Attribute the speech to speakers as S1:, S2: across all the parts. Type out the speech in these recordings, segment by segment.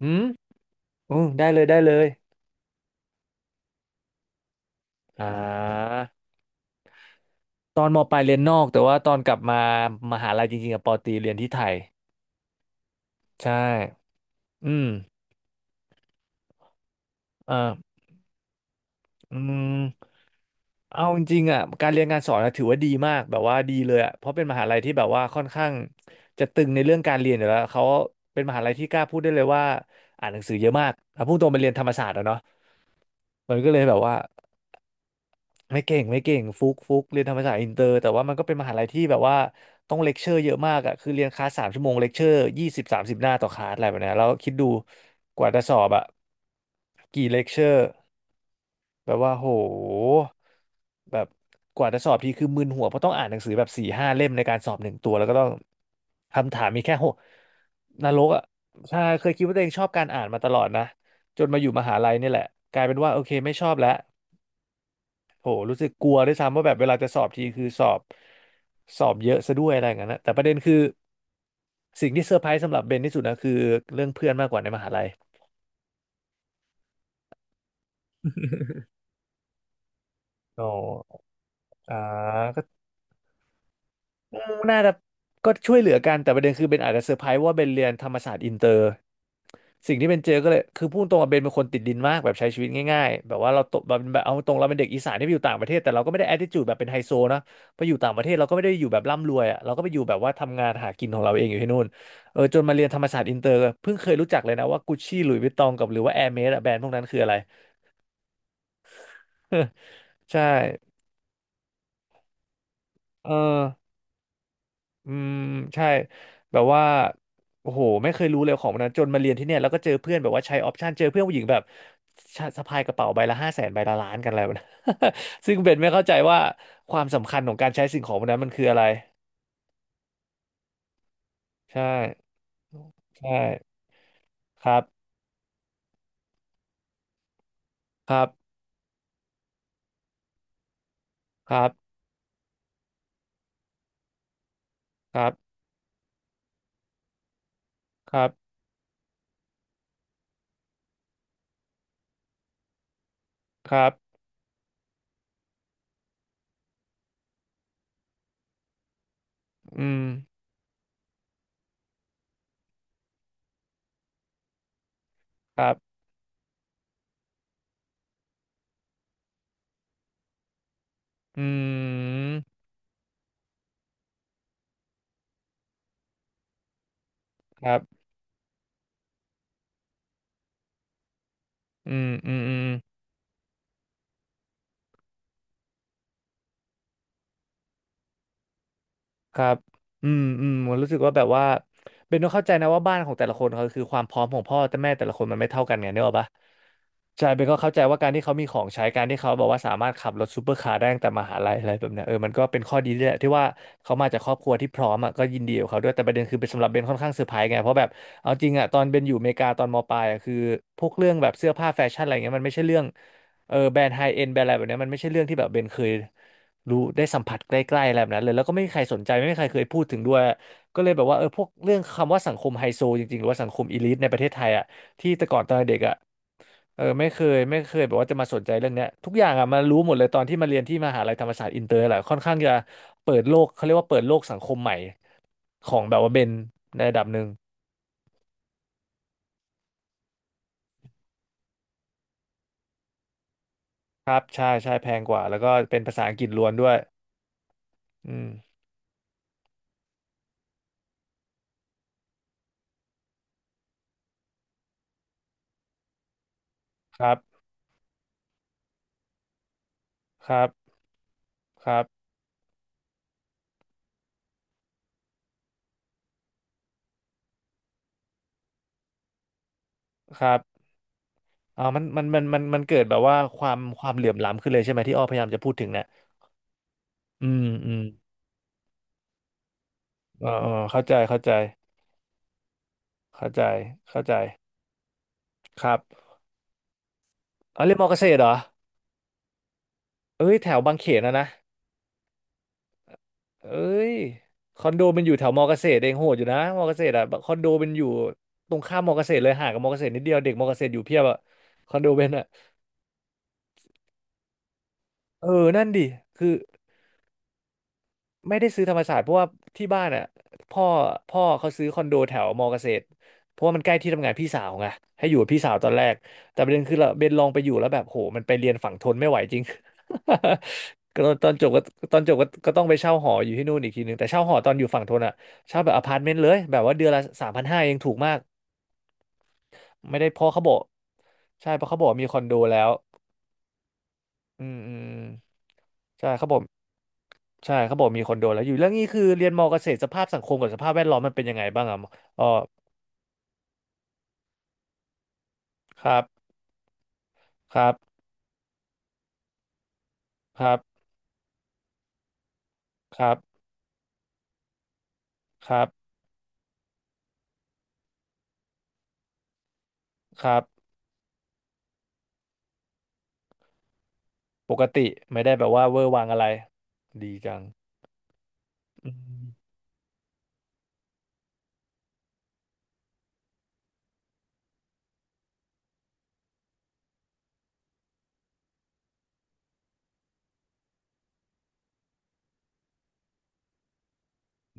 S1: อืมอืมได้เลยได้เลยอ่าตอนมปลายเรียนนอกแต่ว่าตอนกลับมามหาลัยจริงๆกับปอตรีเรียนที่ไทยใช่อืมเอาออืมเอาจริงๆอ่ะการเรียนการสอนอะถือว่าดีมากแบบว่าดีเลยอ่ะเพราะเป็นมหาลัยที่แบบว่าค่อนข้างจะตึงในเรื่องการเรียนอยู่แล้วเขาเป็นมหาลัยที่กล้าพูดได้เลยว่าอ่านหนังสือเยอะมากถ้าพูดตรงไปเรียนธรรมศาสตร์อะเนาะมันก็เลยแบบว่า ไม่เก่งไม่เก่งฟุกฟุกเรียนธรรมศาสตร์อินเตอร์แต่ว่ามันก็เป็นมหาลัยที่แบบว่าต้องเลคเชอร์เยอะมากอ่ะคือเรียนคลาส3 ชั่วโมงเลคเชอร์20-30 หน้าต่อคลาสอะไรแบบเนี้ยแล้วคิดดูกว่าจะสอบอ่ะกี่เลคเชอร์แบบว่าโหแบบกว่าจะสอบทีคือมึนหัวเพราะต้องอ่านหนังสือแบบ4-5 เล่มในการสอบหนึ่งตัวแล้วก็ต้องคำถามมีแค่โหกนรกอ่ะใช่เคยคิดว่าตัวเองชอบการอ่านมาตลอดนะจนมาอยู่มหาลัยนี่แหละกลายเป็นว่าโอเคไม่ชอบแล้ว โหรู้สึกกลัวด้วยซ้ำว่าแบบเวลาจะสอบทีคือสอบเยอะซะด้วยอะไรอย่างนั้นนะแต่ประเด็นคือสิ่งที่เซอร์ไพรส์สำหรับเบนที่สุดนะคือเรื่องเพื่อนมากกว่าในมหาลัยอ๋ออ่าก็ อืมน่าจะก็ช่วยเหลือกันแต่ประเด็นคือเบนอาจจะเซอร์ไพรส์ว่าเบนเรียนธรรมศาสตร์อินเตอร์สิ่งที่เบนเจอก็เลยคือพูดตรงว่าเบนเป็นคนติดดินมากแบบใช้ชีวิตง่ายๆแบบว่าเราโตแบบเอาตรงเราเป็นเด็กอีสานที่ไปอยู่ต่างประเทศแต่เราก็ไม่ได้ attitude แบบเป็นไฮโซนะไปอยู่ต่างประเทศเราก็ไม่ได้อยู่แบบร่ำรวยอ่ะเราก็ไปอยู่แบบว่าทำงานหากินของเราเองอยู่ที่นู่นเออจนมาเรียนธรรมศาสตร์อินเตอร์เพิ่งเคยรู้จักเลยนะว่ากุชชี่หลุยส์วิตตองกับหรือว่าแอร์เมสอะแบรนด์พวกนั้นคืออะไร ใช่เออ อืมใช่แบบว่าโอ้โหไม่เคยรู้เลยของมันนะจนมาเรียนที่เนี่ยแล้วก็เจอเพื่อนแบบว่าใช้ออปชันเจอเพื่อนผู้หญิงแบบชะสะพายกระเป๋าใบละ500,000ใบละล้านกันอะไรแบบนั้น ซึ่งเบนไม่เข้าใจว่าความสำคัญของการใช้สิ่งของพวกนั้นมันคืออะไรใช่ใช่ครับครับครับครับครับครับอืมครับอืมครับอืมอืมอืม ครับอืมอืมผมรู้สึกว่าแบบว่าเบนต้องเข้าใจนะว่าบ้านของแต่ละคนเขาคือความพร้อมของพ่อแต่แม่แต่ละคนมันไม่เท่ากันไงเนี่ยหรอกปะใช่เบนก็เข้าใจว่าการที่เขามีของใช้การที่เขาบอกว่าสามารถขับรถซูเปอร์คาร์ได้ตั้งแต่มหาลัยอะไรแบบเนี้ยเออมันก็เป็นข้อดีด้วยแหละที่ว่าเขามาจากครอบครัวที่พร้อมอ่ะก็ยินดีกับเขาด้วยแต่ประเด็นคือเป็นสำหรับเบนค่อนข้างเซอร์ไพรส์ไงเพราะแบบเอาจริงอ่ะตอนเบนอยู่อเมริกาตอนมปลายอะคือพวกเรื่องแบบเสื้อผ้าแฟชั่นอะไรเงี้ยมันไม่ใช่เรื่องเออแบรนด์ไฮเอ็นแบรนด์อะไรแบบเนี้ยมันไม่ใช่เรื่องที่แบบเบนเคย รู้ได้สัมผัสใกล้ๆอะไรแบบนั้นเลยแล้วก็ไม่มีใครสนใจไม่มีใครเคยพูดถึงด้วยก็เลยแบบว่าเออพวกเรื่องคำว่าสังคมไฮโซจริงๆหรือว่าสังคมอีลิทในประเทศไทยอ่ะที่แต่ก่อนตอนเด็กอ่ะเออไม่เคยไม่เคยแบบว่าจะมาสนใจเรื่องเนี้ยทุกอย่างอ่ะมารู้หมดเลยตอนที่มาเรียนที่มหาลัยธรรมศาสตร์อินเตอร์แหละค่อนข้างจะเปิดโลกเขาเรียกว่าเปิดโลกสังคมใหม่ของแบบว่าเบนในระดับหนึ่งครับใช่ใช่แพงกว่าแล้วก็เป็นภาษาอังกฤษล้วนด้วยอืมครับครับครับครับ มันเกิดแบบว่าความเหลื่อมล้ำขึ้นเลยใช่ไหมที่อ้อพยายามจะพูดถึงเนี่ยอืมอืมอ๋ออ๋อเข้าใจเข้าใจเข้าใจเข้าใจครับอ๋อเรียนมอเกษตรเหรอเอ้ยแถวบางเขนนะเอ้ยคอนโดมันอยู่แถวมอเกษตรเองโหดอยู่นะมอเกษตรอ่ะคอนโดมันอยู่ตรงข้ามมอเกษตรเลยห่างกับมอเกษตรนิดเดียวเด็กมอเกษตรอยู่เพียบอ่ะคอนโดเป็นอ่ะเออนั่นดิคือ ไม่ได้ซื้อธรรมศาสตร์เพราะว่าที่บ้านอ่ะพ่อพ่อเขาซื้อคอนโดแถวมอเกษตรเพราะว่ามันใกล้ที่ทำงานพี่สาวไงให้อยู่กับพี่สาวตอนแรกแต่ประเด็นคือเราเบนลองไปอยู่แล้วแบบโหมันไปเรียนฝั่งทนไม่ไหวจริง ก็ตอนจบก็ต้องไปเช่าหออยู่ที่นู่นอีกทีหนึ่งแต่เช่าหอตอนอยู่ฝั่งทนอ่ะเช่าแบบอพาร์ตเมนต์เลยแบบว่าเดือนละ3,500เองถูกมากไม่ได้เพราะเขาบอกใช่เพราะเขาบอกมีคอนโดแล้วอืมอืมใช่เขาบอก ใช่เขาบอกมีคนโดนแล้วอยู่เรื่องนี้คือเรียนมอเกษตรสภาพสังคมกับสภาพแวดล้อมมันเป็นยังไงบ้างอ่ะอ๋อครับครับครับครับครับครับปกติไม่ได้แบบว่าเวอร์วังอะไรดีจังอืม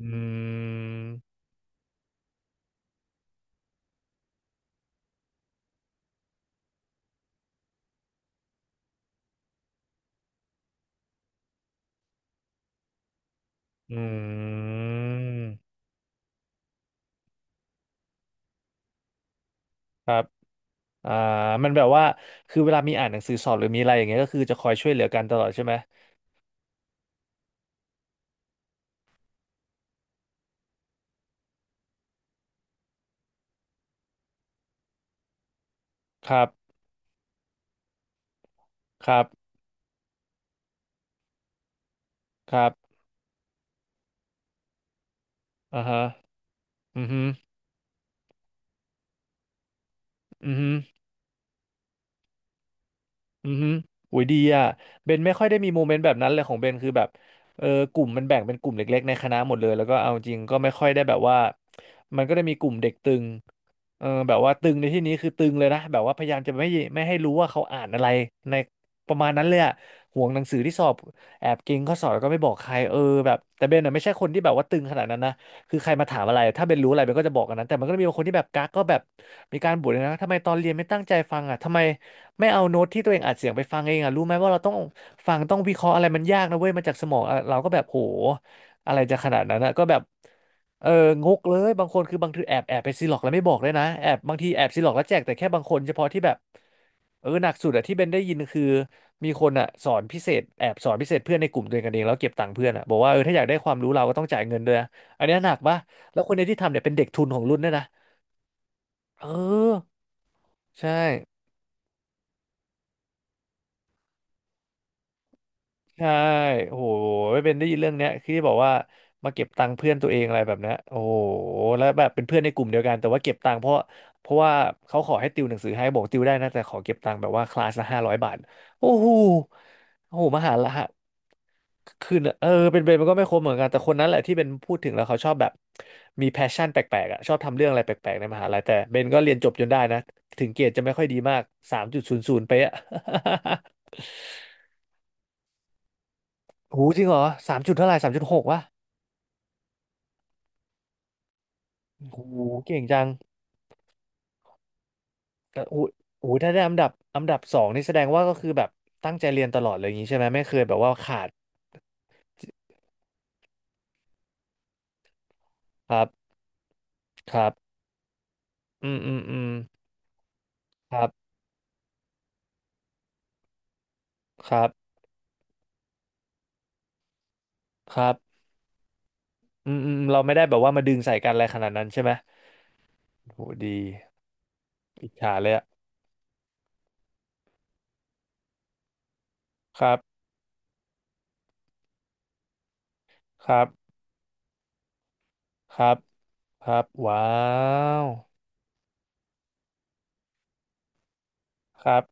S1: อืมอืมครับอ่ามันแบบว่าคือเวลามีอ่านหนังสือสอบหรือมีอะไรอย่างเงี้ยก็คือจะคอยช่วยเหลือกันตลอดใช่ไหมครับครับครับอ่าฮะอือฮึอือฮึ อือฮึโอ้ยดีอ่ะเบนไม่ค่อยได้มีโมเมนต์แบบนั้นเลยของเบนคือแบบเออกลุ่มมันแบ่งเป็นกลุ่มเล็กๆในคณะหมดเลยแล้วก็เอาจริงก็ไม่ค่อยได้แบบว่ามันก็ได้มีกลุ่มเด็กตึงเออแบบว่าตึงในที่นี้คือตึงเลยนะแบบว่าพยายามจะไม่ให้รู้ว่าเขาอ่านอะไรในประมาณนั้นเลยอ่ะห่วงหนังสือที่สอบแอบเก่งข้อสอบแล้วก็ไม่บอกใครเออแบบแต่เบนอ่ะไม่ใช่คนที่แบบว่าตึงขนาดนั้นนะคือใครมาถามอะไรถ้าเบนรู้อะไรเบนก็จะบอกกันนั้นแต่มันก็จะมีบางคนที่แบบกักก็แบบมีการบ่นเลยนะทำไมตอนเรียนไม่ตั้งใจฟังอ่ะทำไม ไม่เอาโน้ตที่ตัวเองอัดเสียงไปฟังเองอ่ะรู้ไหมว่าเราต้องฟังต้องวิเคราะห์อะไรมันยากนะเว้ยมันจากสมองอ่ะเราก็แบบโหอะไรจะขนาดนั้นอ่ะก็แบบเอองกเลยบางคนคือบางทีแอบไปซีล็อกแล้วไม่บอกเลยนะแอบบางทีแอบซีล็อกแล้วแจกแต่แค่บางคนเฉพาะที่แบบเออหนักสุดอะที่เบนได้ยินคือมีคนอ่ะสอนพิเศษแอบสอนพิเศษเพื่อนในกลุ่มตัวเองกันเองแล้วเก็บตังค์เพื่อนอ่ะบอกว่าเออถ้าอยากได้ความรู้เราก็ต้องจ่ายเงินด้วยนะอันเนี้ยหนักปะแล้วคนในที่ทำเนี่ยเป็นเด็กทุนของรุ่นด้วยนะเออใช่ ใช่โอ้โหเป็นได้ยินเรื่องเนี้ยคือที่บอกว่ามาเก็บตังค์เพื่อนตัวเองอะไรแบบเนี้ยโอ้โหแล้วแบบเป็นเพื่อนในกลุ่มเดียวกันแต่ว่าเก็บตังค์เพราะว่าเขาขอให้ติวหนังสือให้บอกติวได้นะแต่ขอเก็บตังค์แบบว่าคลาสละ500 บาทโอ้โหโอ้โหมหาละฮะคือเออเป็นเบนมันก็ไม่คมเหมือนกันแต่คนนั้นแหละที่เป็นพูดถึงแล้วเขาชอบแบบมีแพชชั่นแปลกๆอ่ะชอบทำเรื่องอะไรแปลกๆในมหาลัยแต่เบนก็เรียนจบจนได้นะถึงเกรดจะไม่ค่อยดีมาก3.00ไปอะ โอ้โหจริงเหรอสามจุดเท่าไหร่3.6วะ โอ้โหเก่งจังแต่โอ้โหโอ้โหถ้าได้อันดับสองนี่แสดงว่าก็คือแบบตั้งใจเรียนตลอดเลยอย่างนี้ใช่ไหมไม่เคยแบบว่าขาดครับครับอืมอืมอืมครับครับครับอืมอืมอืมเราไม่ได้แบบว่ามาดึงใส่กันอะไรขนาดนั้นใช่ไหมโหดีอิจฉาเลยอะครับครับครับครับว้าวครับ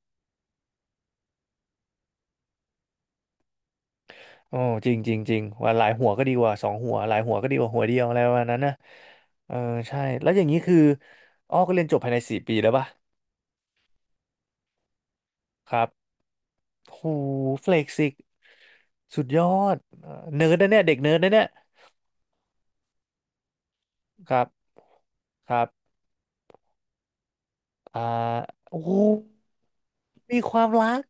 S1: โอ้จริงจริงจริงว่าหลายหัวก็ดีกว่าสองหัวหลายหัวก็ดีกว่าหัวเดียวอะไรประมาณนั้นนะเออใช่แล้วอย่างนี้คืออ้อก็เรียนจบภายใน4 ปีแล้วป่ะ ครับหูเฟล็กซิกสุดยอดเนิร์ดนะเนี่ยเด็กเนิร์ดนะเนี่ยครับครับอ่าโอ้โหมีความรัก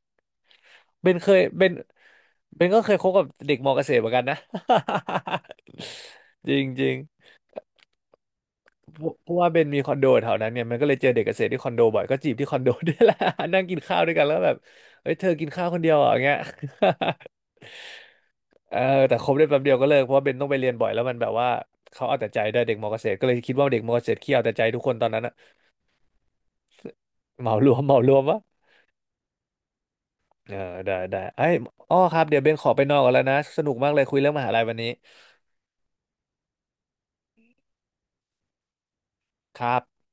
S1: เบนเคยเบนเบนก็เคยคบกับเด็กมอเกษตรเหมือนกันนะ จริงจริงเพราะว่าเบนมีคอนโดแถวนั้นเนี่ยมันก็เลยเจอเด็กเกษตรที่คอนโดบ่อยก็จีบที่คอนโด ด้วยแหละ นั่งกินข้าวด้วยกันแล้วแบบเฮ้ยเธอกินข้าวคนเดียวเหรออย่างเงี้ย เออแต่คบได้แป๊บเดียวก็เลิกเพราะว่าเบนต้องไปเรียนบ่อยแล้วมันแบบว่าเขาเอาแต่ใจด้วยเด็กมอเกษตรก็เลยคิดว่าเด็กมอเกษตรขี้เอาแต่ใจทุกคนตอนนั้นอะเหมารวม เหมารวมวะเออได้ได้ไอ้ยอ้อครับเดี๋ยวเบนขอไปนอนก่อนแล้วนะสนุกมากเลยคุยเรื่องมหาลัยวันนี้ครับ